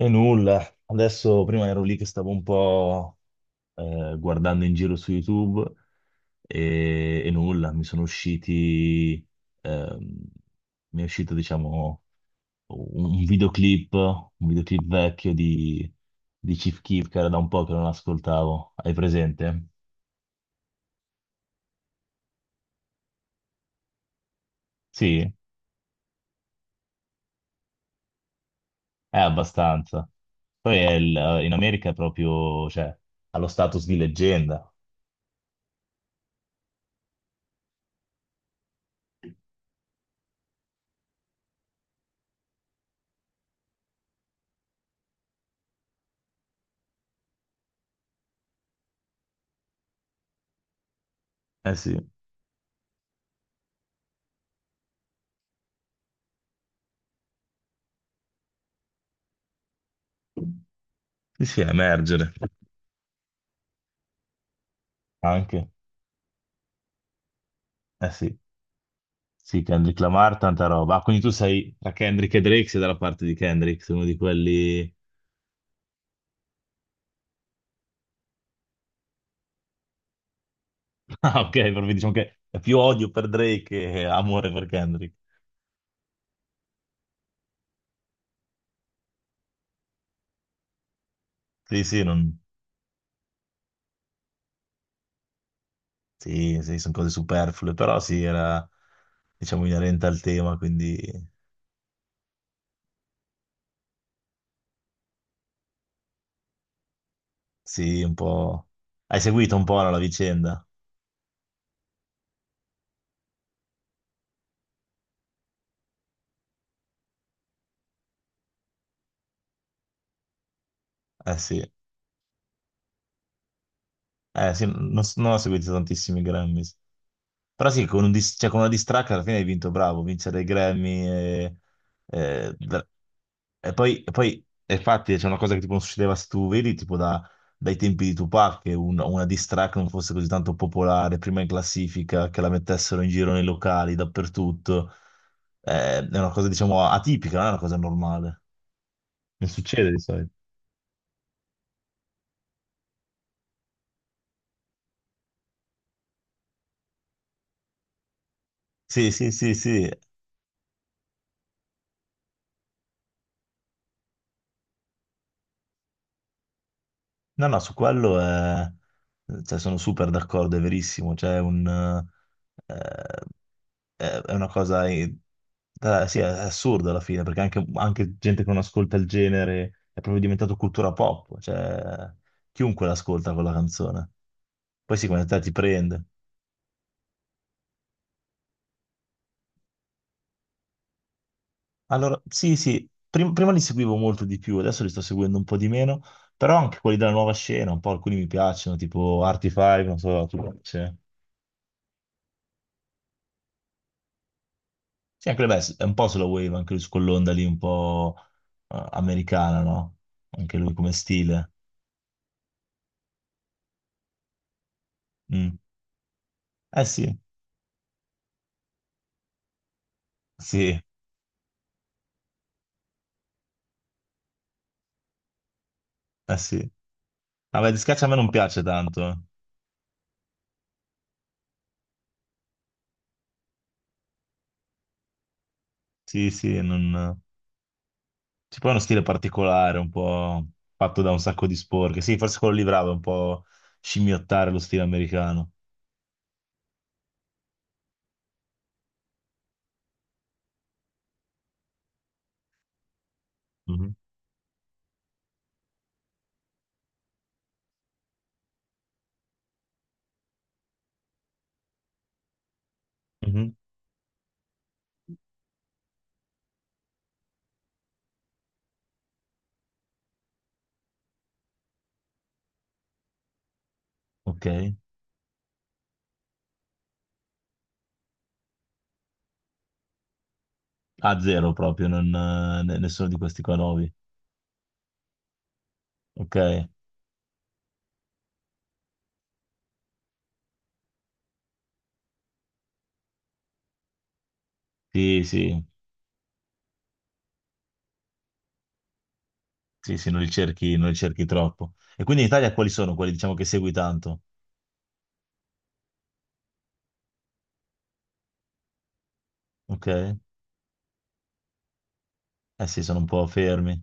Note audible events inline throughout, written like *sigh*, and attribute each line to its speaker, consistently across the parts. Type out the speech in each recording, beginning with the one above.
Speaker 1: E nulla, adesso prima ero lì che stavo un po' guardando in giro su YouTube e nulla, mi sono usciti, ehm, mi è uscito diciamo un videoclip, un videoclip vecchio di Chief Keef che era da un po' che non ascoltavo, hai presente? Sì, è abbastanza. Poi è in America è proprio, cioè, ha lo status di leggenda. Eh sì, sì, sì, emergere anche, eh sì. Sì, Kendrick Lamar, tanta roba. Ah, quindi tu sei tra Kendrick e Drake, sei dalla parte di Kendrick, sei uno di quelli... *laughs* Ah, ok, proprio diciamo che è più odio per Drake che amore per Kendrick. Sì, sì, non... sì, sì, sono cose superflue, però sì, era, diciamo, inerente al tema, quindi sì, un po'... Hai seguito un po', no, la vicenda? Eh sì, sì non, non ho seguito tantissimi Grammys. Però sì, con, un cioè, con una diss track alla fine hai vinto, bravo, vincere i Grammy e- e e infatti c'è una cosa che tipo non succedeva se tu vedi tipo dai tempi di Tupac che una diss track non fosse così tanto popolare, prima in classifica, che la mettessero in giro nei locali, dappertutto. È una cosa diciamo atipica, non è una cosa normale. Non succede di solito. Sì, sì, sì, sì. No, no, su quello. Cioè, sono super d'accordo, è verissimo. Cioè, è un, eh, è una cosa sì, è assurda alla fine, perché anche, anche gente che non ascolta il genere è proprio diventato cultura pop. Cioè, chiunque l'ascolta quella canzone. Poi sì, come te ti prende. Allora, sì, sì, prima li seguivo molto di più, adesso li sto seguendo un po' di meno, però anche quelli della nuova scena, un po' alcuni mi piacciono, tipo Artify, non so, tu piace? Sì, anche beh, è un po' sulla wave, anche lui su quell'onda lì un po' americana, no? Anche lui come stile. Mm. Eh sì, sì, eh sì. Vabbè, di Scaccia a me non piace tanto, eh. Sì, sì, non... C'è poi uno stile particolare, un po' fatto da un sacco di sporche. Sì, forse quello lì bravo, è un po' scimmiottare lo stile americano. Mhm, mhm. Ok. A zero proprio, non, nessuno di questi qua nuovi. Ok, sì, sì. Sì, sì, non li cerchi, non li cerchi troppo. E quindi in Italia quali sono quelli, diciamo, che segui tanto? Ok? Eh sì, sono un po' fermi.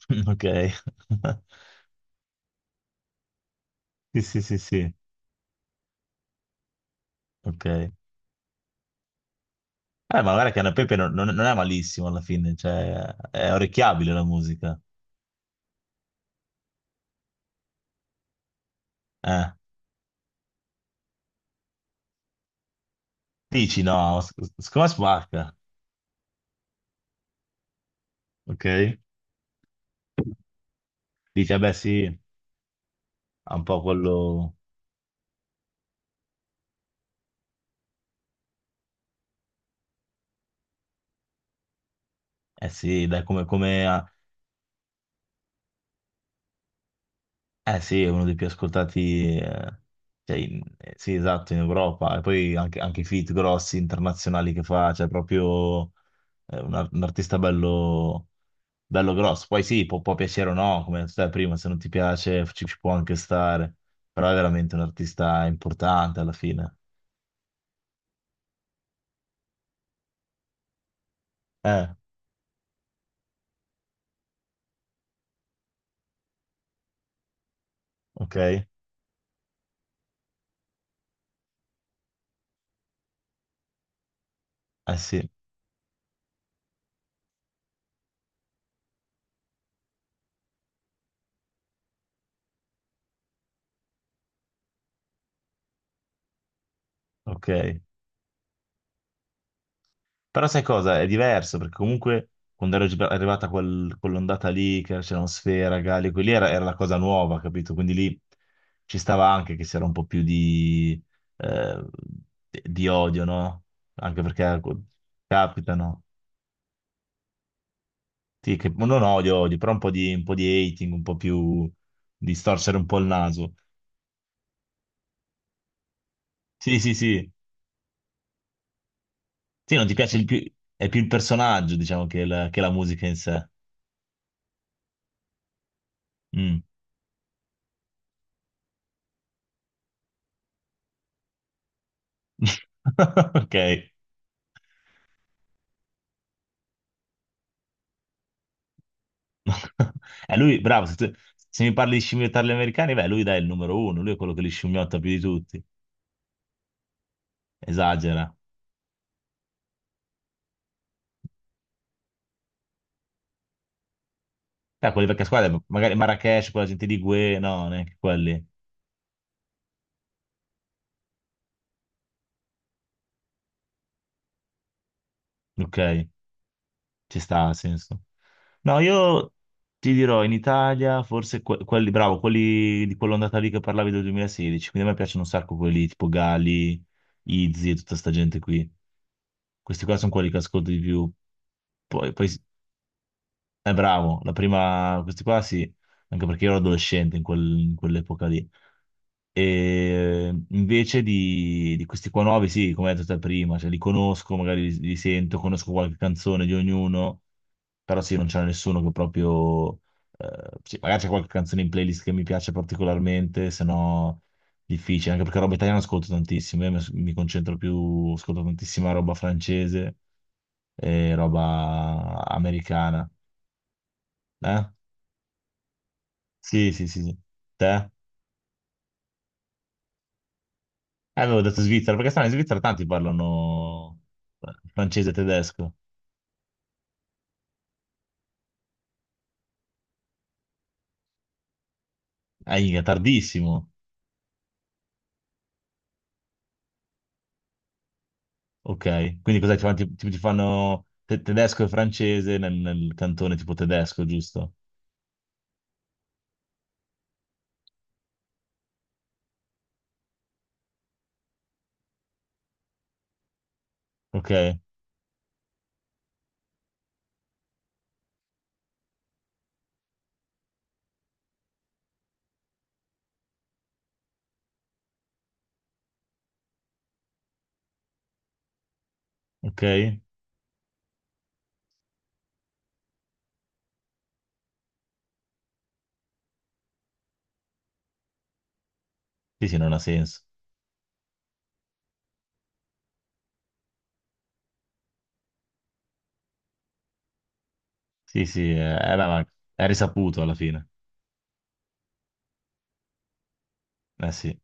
Speaker 1: *laughs* Ok. *laughs* Sì, sì, sì, sì. Ok. Ma guarda che Anna Pepe non, non è malissimo alla fine, cioè, è orecchiabile la musica. Eh. Dici no, secondo me spacca. Ok? Dici, eh beh sì, ha un po' quello... Eh sì, dai, come, come eh sì, è uno dei più ascoltati, cioè, sì, esatto, in Europa. E poi anche, anche i feat grossi internazionali che fa, cioè proprio un artista bello, bello grosso. Poi sì, può, può piacere o no, come stai prima, se non ti piace ci, ci può anche stare, però è veramente un artista importante alla fine. Eh, ok, eh sì, ok. Però sai cosa? È diverso perché comunque quando ero arrivata quell'ondata lì, che c'erano Sfera, Galli, quelli era, era la cosa nuova, capito? Quindi lì ci stava anche che c'era un po' più eh, di odio, no? Anche perché capitano. Sì, che non odio, odio, però un po' di hating, un po' più di storcere un po' il naso. Sì, sì, sì. Sì, non ti piace il più, è più il personaggio, diciamo, che la musica in sé. Mm. *laughs* Ok. *laughs* Lui, bravo, se, se mi parli di scimmiottare gli americani, beh, lui dai, è il numero uno, lui è quello che li scimmiotta più di tutti. Esagera. Quelle vecchie squadre, magari Marrakesh, quella gente di Gue, no, neanche quelli. Ok, ci sta, ha senso. No, io ti dirò, in Italia, forse quelli, bravo, quelli di quell'ondata lì che parlavi del 2016, quindi a me piacciono un sacco quelli tipo Gali, Izzy e tutta sta gente qui. Questi qua sono quelli che ascolto di più. Poi, poi eh, bravo, la prima, questi qua sì, anche perché io ero adolescente in in quell'epoca lì. E invece di questi qua nuovi, sì, come hai detto te prima, cioè li conosco, magari li, li sento, conosco qualche canzone di ognuno, però sì, non c'è nessuno che proprio... sì, magari c'è qualche canzone in playlist che mi piace particolarmente, se no difficile, anche perché roba italiana ascolto tantissimo, io mi, mi concentro più, ascolto tantissima roba francese e roba americana. Eh? Sì, sì, sì, sì. Te? Avevo detto Svizzera, perché stanno in Svizzera tanti parlano francese e tedesco. È tardissimo. Ok, quindi cos'è? Ti fanno, ti fanno tedesco e francese nel, nel cantone tipo tedesco, giusto? Ok, ok. Sì, sì, non ha senso. Sì, sì, ma è risaputo alla fine. Eh sì.